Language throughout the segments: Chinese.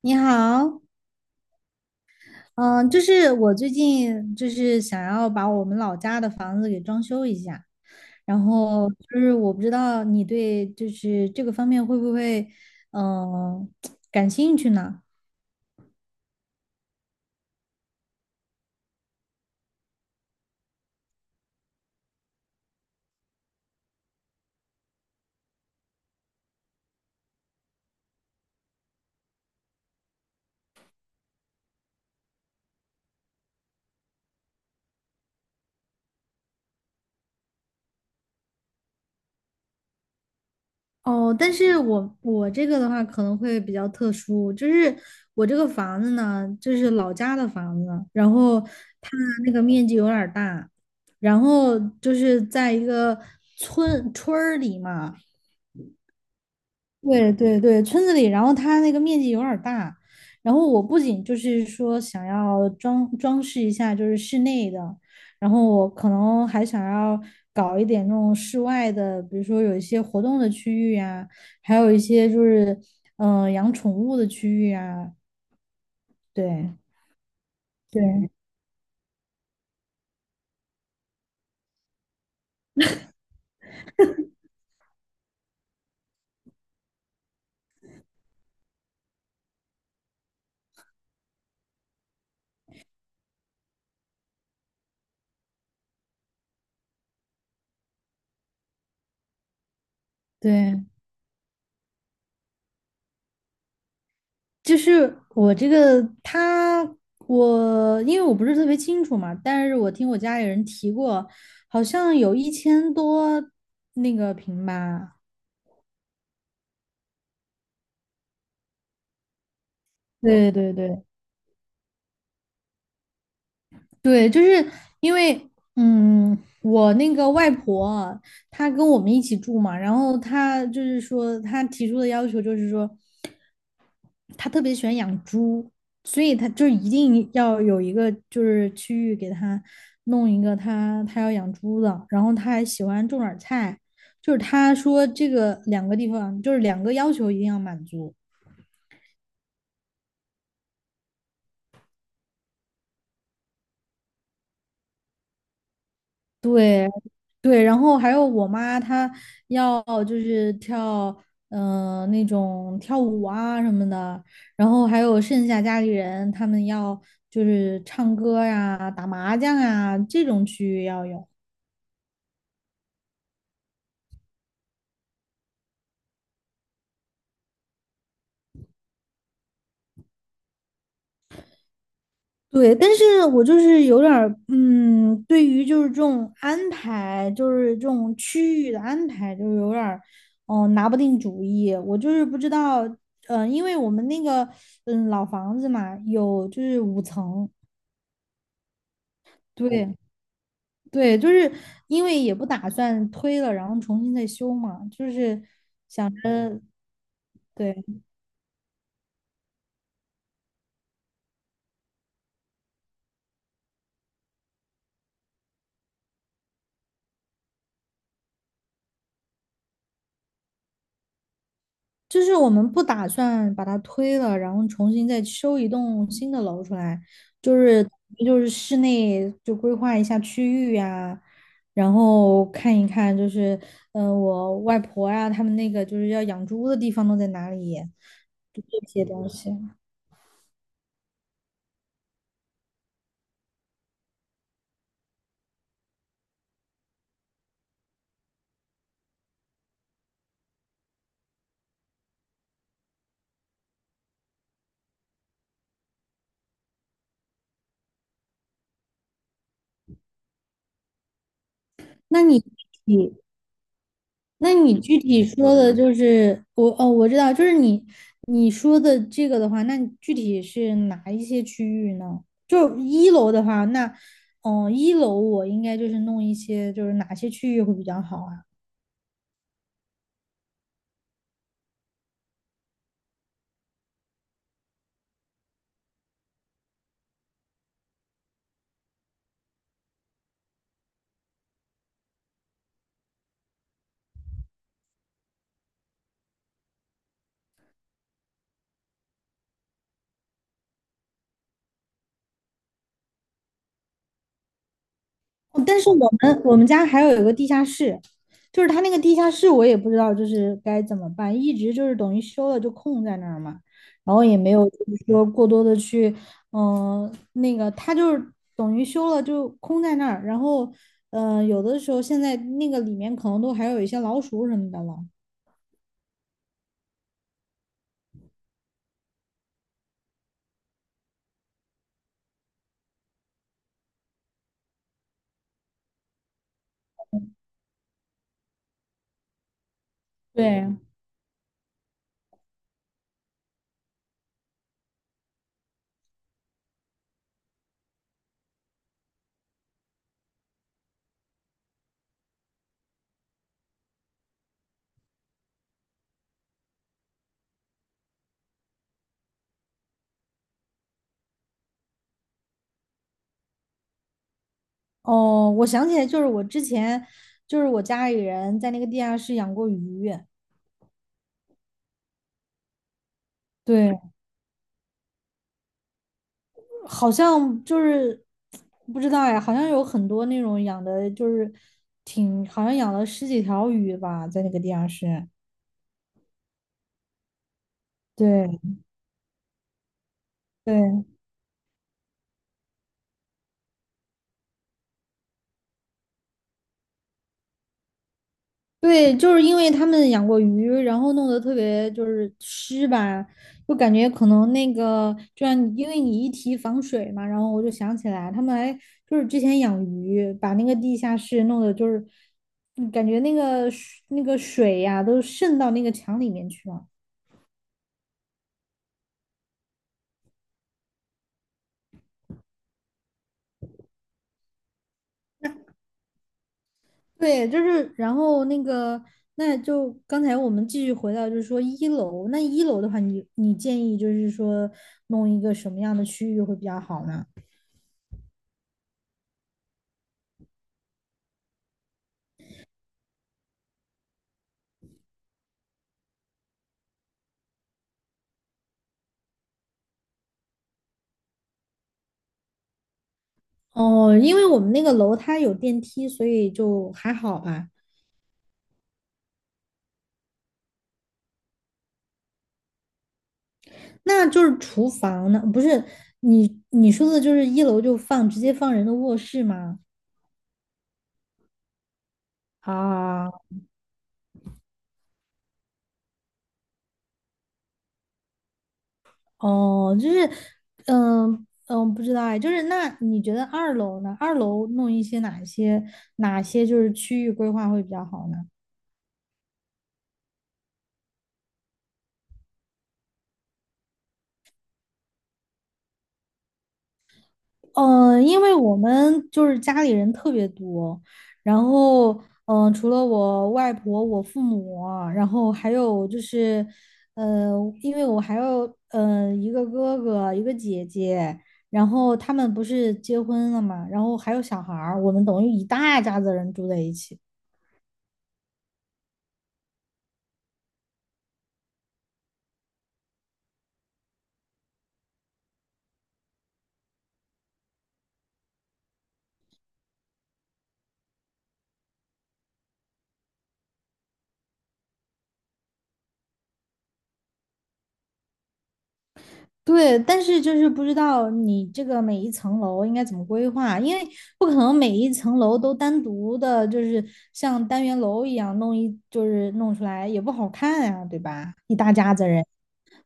你好，嗯，就是我最近就是想要把我们老家的房子给装修一下，然后就是我不知道你对就是这个方面会不会嗯感兴趣呢？哦，但是我这个的话可能会比较特殊，就是我这个房子呢，就是老家的房子，然后它那个面积有点儿大，然后就是在一个村儿里嘛。对对对，村子里，然后它那个面积有点儿大，然后我不仅就是说想要装饰一下，就是室内的，然后我可能还想要搞一点那种室外的，比如说有一些活动的区域呀，还有一些就是养宠物的区域啊，对对对，就是我这个他，我因为我不是特别清楚嘛，但是我听我家里人提过，好像有一千多那个平吧。对对对，对，就是因为，嗯，我那个外婆她跟我们一起住嘛，然后她就是说，她提出的要求就是说，他特别喜欢养猪，所以他就一定要有一个就是区域给他弄一个他要养猪的，然后他还喜欢种点菜，就是他说这个两个地方就是两个要求一定要满足，对对，然后还有我妈她要就是那种跳舞啊什么的，然后还有剩下家里人他们要就是唱歌呀、打麻将啊这种区域要有。对，但是我就是有点儿，对于就是这种安排，就是这种区域的安排，就是有点儿，拿不定主意。我就是不知道，因为我们那个，老房子嘛，有就是5层，对对，就是因为也不打算推了，然后重新再修嘛，就是想，对。就是我们不打算把它推了，然后重新再修一栋新的楼出来，就是就是室内就规划一下区域呀、然后看一看就是我外婆呀、他们那个就是要养猪的地方都在哪里，就这些东西。那你具体那你具体说的就是我哦，我知道，就是你说的这个的话，那你具体是哪一些区域呢？就一楼的话，那一楼我应该就是弄一些，就是哪些区域会比较好啊？哦但是我们家还有一个地下室，就是它那个地下室我也不知道就是该怎么办，一直就是等于修了就空在那儿嘛，然后也没有就是说过多的去，那个它就是等于修了就空在那儿，然后有的时候现在那个里面可能都还有一些老鼠什么的了。对，哦，我想起来，就是我之前就是我家里人在那个地下室养过鱼，对，好像就是不知道呀，好像有很多那种养的，就是挺好像养了十几条鱼吧，在那个地下室。对对对，就是因为他们养过鱼，然后弄得特别就是湿吧，就感觉可能那个，就像你因为你一提防水嘛，然后我就想起来，他们还就是之前养鱼，把那个地下室弄得就是，感觉那个水呀、都渗到那个墙里面去了。对，就是，然后那个，那就刚才我们继续回到，就是说一楼，那一楼的话你，你建议就是说弄一个什么样的区域会比较好呢？哦，因为我们那个楼它有电梯，所以就还好吧。那就是厨房呢，不是你说的就是一楼就直接放人的卧室吗？啊，哦，就是，嗯嗯，不知道哎，就是那你觉得二楼呢？二楼弄一些哪些就是区域规划会比较好呢？因为我们就是家里人特别多，然后除了我外婆、我父母啊然后还有就是，呃，因为我还有一个哥哥、一个姐姐，然后他们不是结婚了嘛，然后还有小孩儿，我们等于一大家子人住在一起。对，但是就是不知道你这个每一层楼应该怎么规划，因为不可能每一层楼都单独的，就是像单元楼一样弄一，就是弄出来也不好看呀、对吧？一大家子人，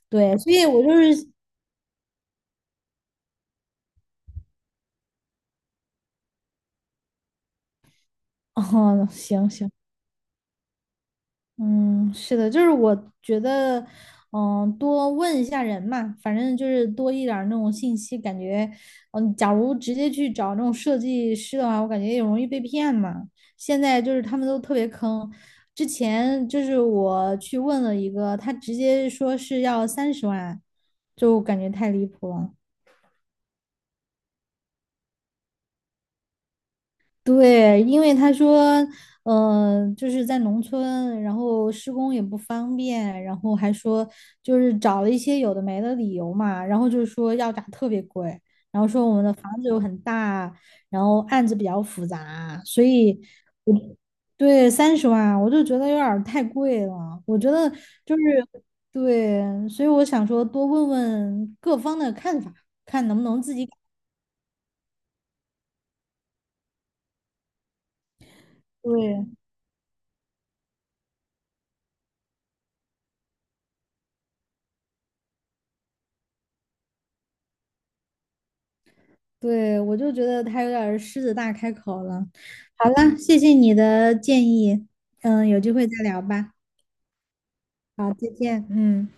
对，所以我就是，哦，行行，嗯，是的，就是我觉得，多问一下人嘛，反正就是多一点儿那种信息，感觉，假如直接去找那种设计师的话，我感觉也容易被骗嘛。现在就是他们都特别坑，之前就是我去问了一个，他直接说是要三十万，就感觉太离谱了。对，因为他说，就是在农村，然后施工也不方便，然后还说就是找了一些有的没的理由嘛，然后就是说要价特别贵，然后说我们的房子又很大，然后案子比较复杂，所以对三十万我就觉得有点儿太贵了，我觉得就是对，所以我想说多问问各方的看法，看能不能自己改对。对，我就觉得他有点儿狮子大开口了。好了，谢谢你的建议，有机会再聊吧。好，再见，嗯。